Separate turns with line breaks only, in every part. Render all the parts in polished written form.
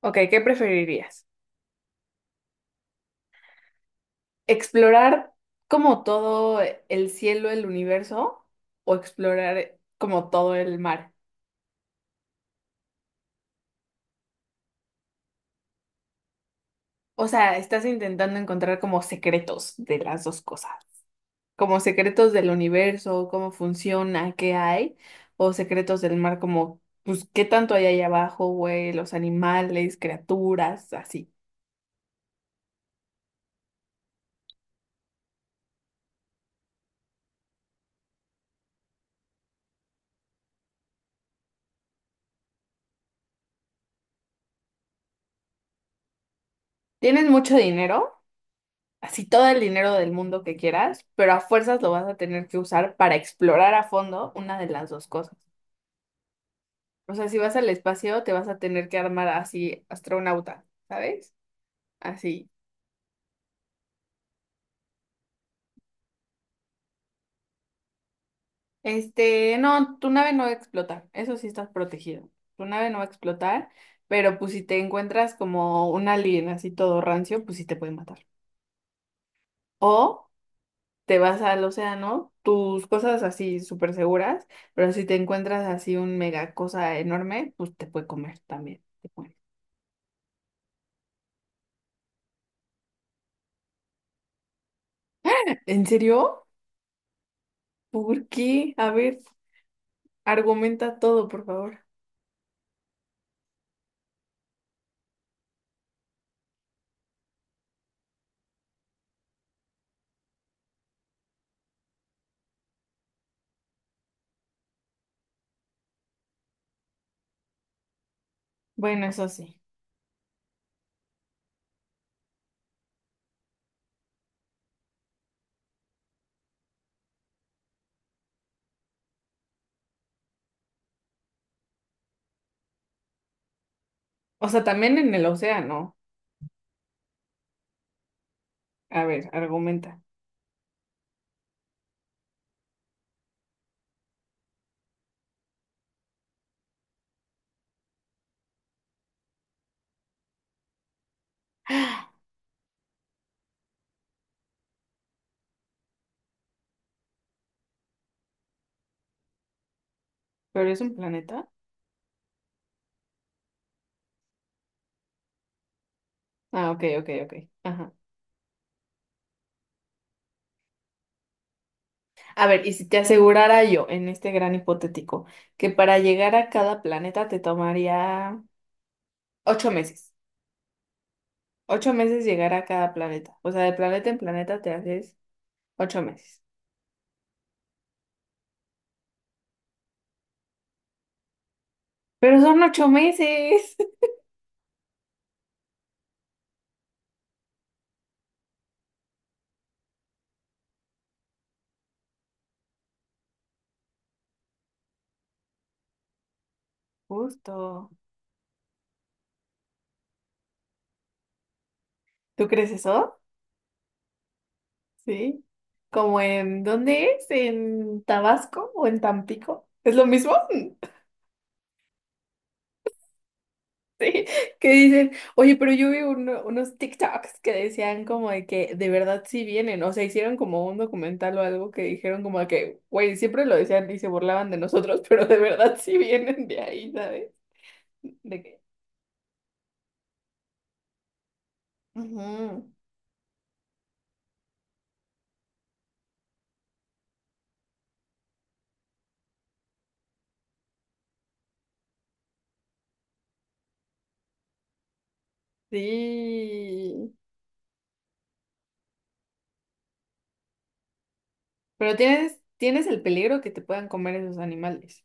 Ok, ¿qué preferirías? ¿Explorar como todo el cielo, el universo, o explorar como todo el mar? O sea, estás intentando encontrar como secretos de las dos cosas, como secretos del universo, cómo funciona, qué hay, o secretos del mar, como, pues, qué tanto hay ahí abajo, güey, los animales, criaturas, así. ¿Tienes mucho dinero? Así todo el dinero del mundo que quieras, pero a fuerzas lo vas a tener que usar para explorar a fondo una de las dos cosas. O sea, si vas al espacio, te vas a tener que armar así astronauta, ¿sabes? Así. No, tu nave no va a explotar, eso sí estás protegido. Tu nave no va a explotar, pero pues si te encuentras como un alien así todo rancio, pues sí te puede matar. O te vas al océano, tus cosas así súper seguras, pero si te encuentras así un mega cosa enorme, pues te puede comer también. Te puede. ¿En serio? ¿Por qué? A ver, argumenta todo, por favor. Bueno, eso sí. O sea, también en el océano. A ver, argumenta. ¿Pero es un planeta? Ah, ok, ok, ok. Ajá. A ver, y si te asegurara yo, en este gran hipotético, que para llegar a cada planeta te tomaría ocho meses. Ocho meses llegar a cada planeta. O sea, de planeta en planeta te haces ocho meses. Pero son ocho meses. Justo. ¿Tú crees eso? Sí. ¿Como en dónde es? ¿En Tabasco o en Tampico? ¿Es lo mismo? Que dicen, oye, pero yo vi unos TikToks que decían como de que de verdad sí vienen. O sea, hicieron como un documental o algo que dijeron como de que, güey, siempre lo decían y se burlaban de nosotros, pero de verdad sí vienen de ahí, ¿sabes? De que... Ujú. Sí. Pero tienes el peligro que te puedan comer esos animales.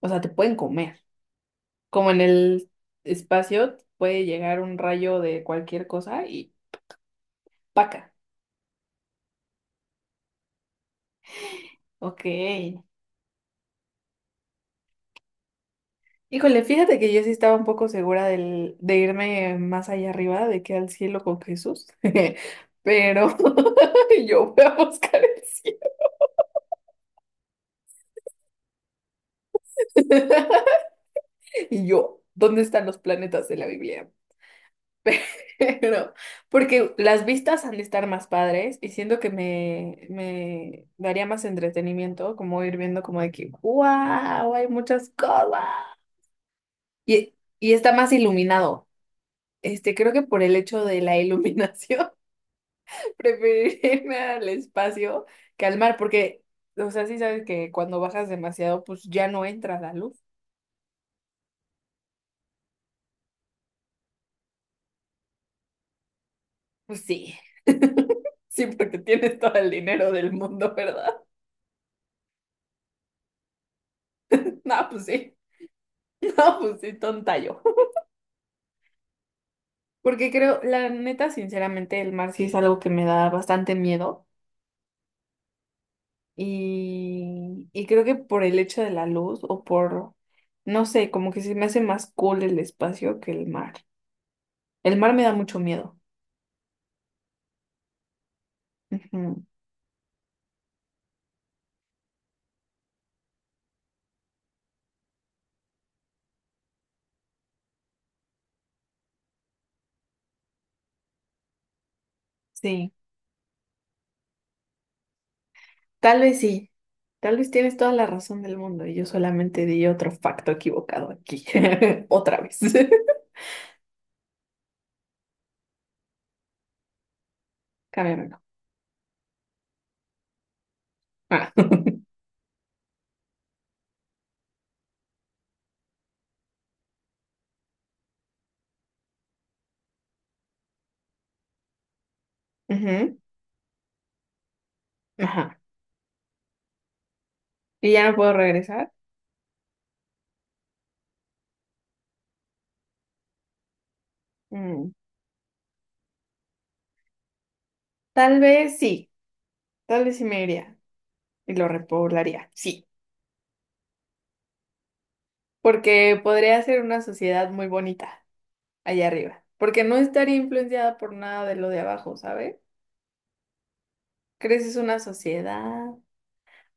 O sea, te pueden comer. Como en el espacio puede llegar un rayo de cualquier cosa y ¡paca! Ok. Híjole, fíjate que yo sí estaba un poco segura de irme más allá arriba, de que al cielo con Jesús. Pero yo voy a buscar el cielo. Y yo, ¿dónde están los planetas de la Biblia? Pero, porque las vistas han de estar más padres y siento que me daría más entretenimiento, como ir viendo como de que, wow, hay muchas cosas. Y está más iluminado. Creo que por el hecho de la iluminación, preferiría irme al espacio que al mar, porque, o sea, sí sabes que cuando bajas demasiado, pues ya no entra la luz. Pues sí, sí, porque tienes todo el dinero del mundo, ¿verdad? No, pues sí, no, pues sí, tonta yo. Porque creo, la neta, sinceramente, el mar sí es algo que me da bastante miedo. Y creo que por el hecho de la luz o por, no sé, como que se me hace más cool el espacio que el mar. El mar me da mucho miedo. Ujú. Sí, sí. Tal vez tienes toda la razón del mundo y yo solamente di otro facto equivocado aquí. Otra vez. Cámbiamelo. Ah. Ujú. Ajá. ¿Y ya no puedo regresar? Mm, tal vez sí. Tal vez sí me iría. Y lo repoblaría, sí. Porque podría ser una sociedad muy bonita allá arriba. Porque no estaría influenciada por nada de lo de abajo, ¿sabes? Creces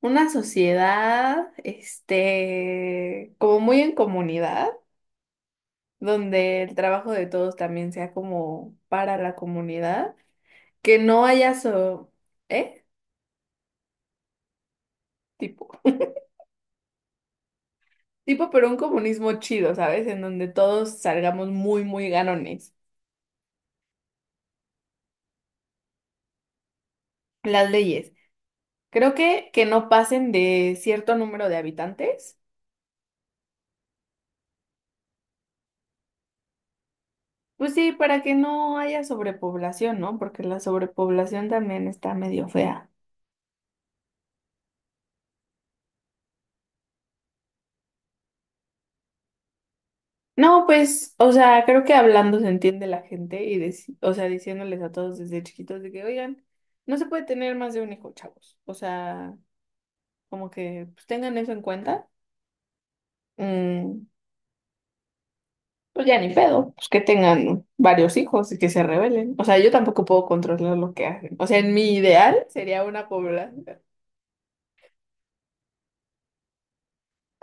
una sociedad, como muy en comunidad, donde el trabajo de todos también sea como para la comunidad, que no haya so, ¿eh? Tipo, tipo, pero un comunismo chido, ¿sabes? En donde todos salgamos muy, muy ganones. Las leyes. Creo que no pasen de cierto número de habitantes. Pues sí, para que no haya sobrepoblación, ¿no? Porque la sobrepoblación también está medio fea. No, pues, o sea, creo que hablando se entiende la gente y, o sea, diciéndoles a todos desde chiquitos de que, oigan, no se puede tener más de un hijo, chavos. O sea, como que pues, tengan eso en cuenta. Mm, pues ya ni pedo, pues que tengan varios hijos y que se rebelen. O sea, yo tampoco puedo controlar lo que hacen. O sea, en mi ideal sería una población.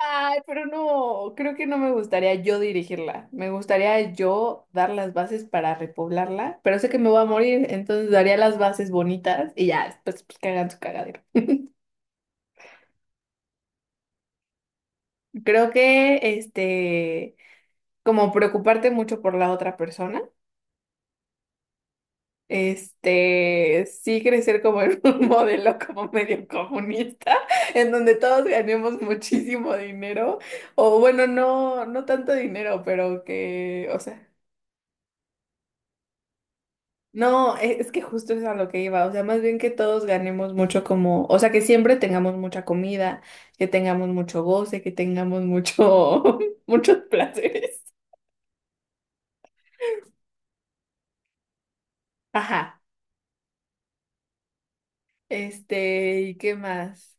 Ay, pero no, creo que no me gustaría yo dirigirla. Me gustaría yo dar las bases para repoblarla, pero sé que me voy a morir, entonces daría las bases bonitas y ya, después pues, que hagan su cagadero. Creo que, como preocuparte mucho por la otra persona, sí crecer como en un modelo como medio comunista, en donde todos ganemos muchísimo dinero, o bueno, no, no tanto dinero, pero que, o sea. No, es que justo es a lo que iba, o sea, más bien que todos ganemos mucho como, o sea, que siempre tengamos mucha comida, que tengamos mucho goce, que tengamos mucho, muchos placeres. Ajá, ¿y qué más?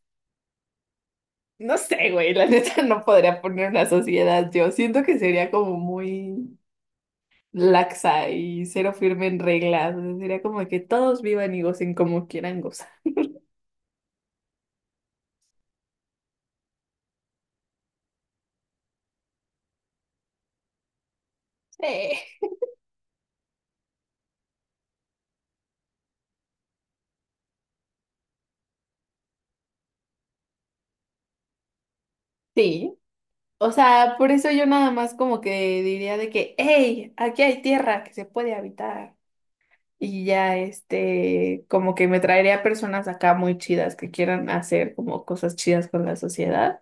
No sé, güey, la neta no podría poner una sociedad, yo siento que sería como muy laxa y cero firme en reglas, o sea, sería como que todos vivan y gocen como quieran gozar. Sí. Sí. O sea, por eso yo nada más como que diría de que, hey, aquí hay tierra que se puede habitar. Y ya, como que me traería personas acá muy chidas que quieran hacer como cosas chidas con la sociedad.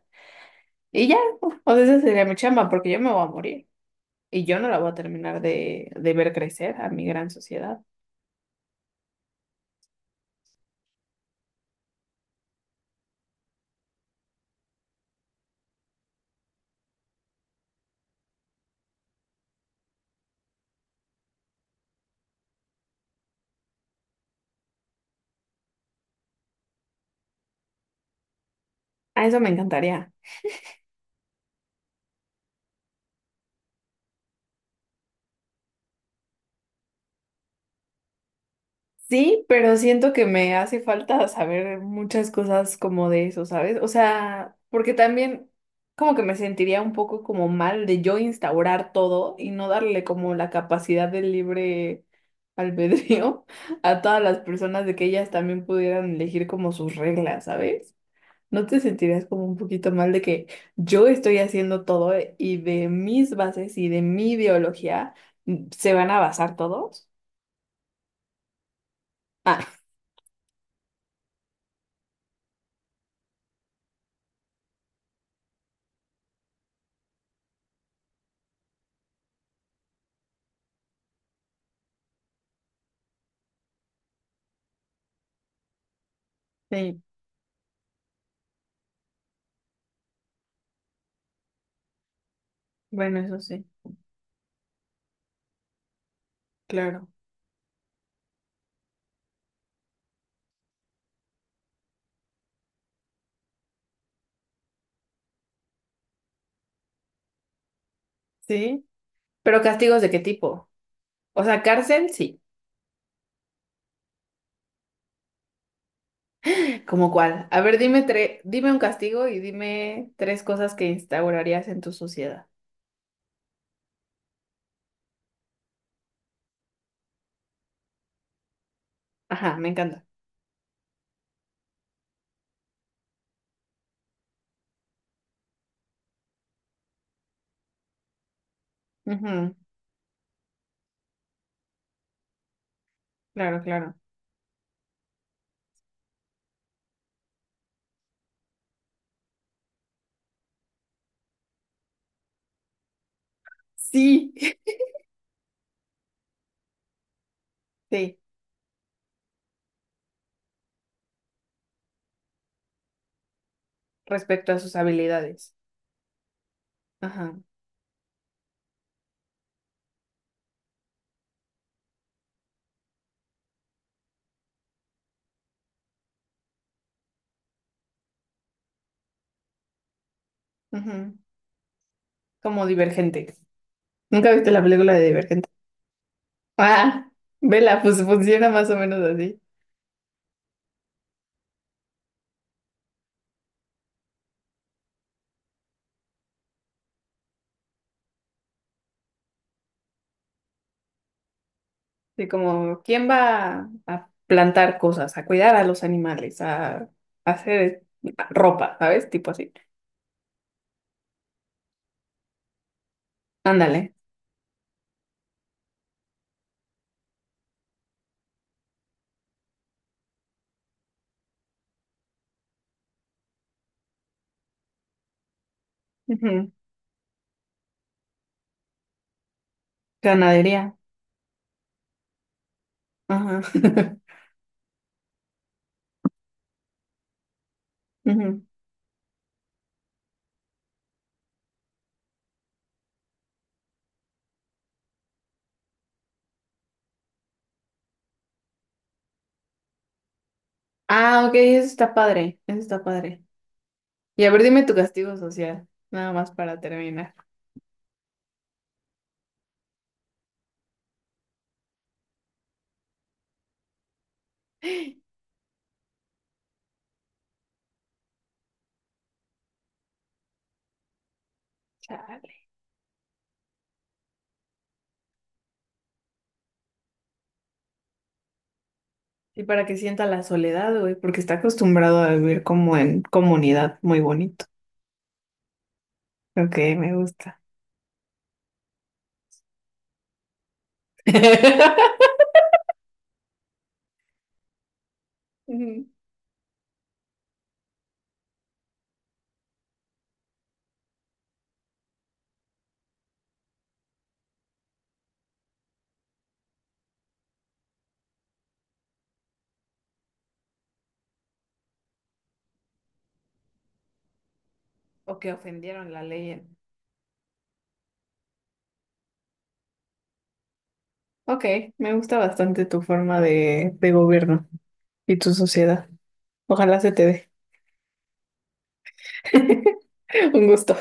Y ya, o sea, esa sería mi chamba, porque yo me voy a morir. Y yo no la voy a terminar de ver crecer a mi gran sociedad. A eso me encantaría. Sí, pero siento que me hace falta saber muchas cosas como de eso, ¿sabes? O sea, porque también como que me sentiría un poco como mal de yo instaurar todo y no darle como la capacidad del libre albedrío a todas las personas de que ellas también pudieran elegir como sus reglas, ¿sabes? ¿No te sentirías como un poquito mal de que yo estoy haciendo todo y de mis bases y de mi ideología mm, se van a basar todos? Ah, sí, bueno, eso sí. Claro. Sí. ¿Pero castigos de qué tipo? O sea, cárcel, sí. ¿Cómo cuál? A ver, dime dime un castigo y dime tres cosas que instaurarías en tu sociedad. Ajá, me encanta. Ujú. Claro, claro. Sí. Sí, respecto a sus habilidades. Ajá. Ujú. Como Divergente. ¿Nunca viste la película de Divergente? Ah, vela, pues funciona más o menos así. Sí, como, ¿quién va a plantar cosas, a cuidar a los animales, a hacer ropa, ¿sabes? Tipo así. Ándale. Ujú. Ganadería. Ajá. Ujú. Ah, ok, eso está padre, eso está padre. Y a ver, dime tu castigo social, nada más para terminar. Chale. Y para que sienta la soledad, güey, porque está acostumbrado a vivir como en comunidad, muy bonito. Ok, me gusta. Ujú. O que ofendieron la ley. Ok, me gusta bastante tu forma de gobierno y tu sociedad. Ojalá se te dé. Un gusto.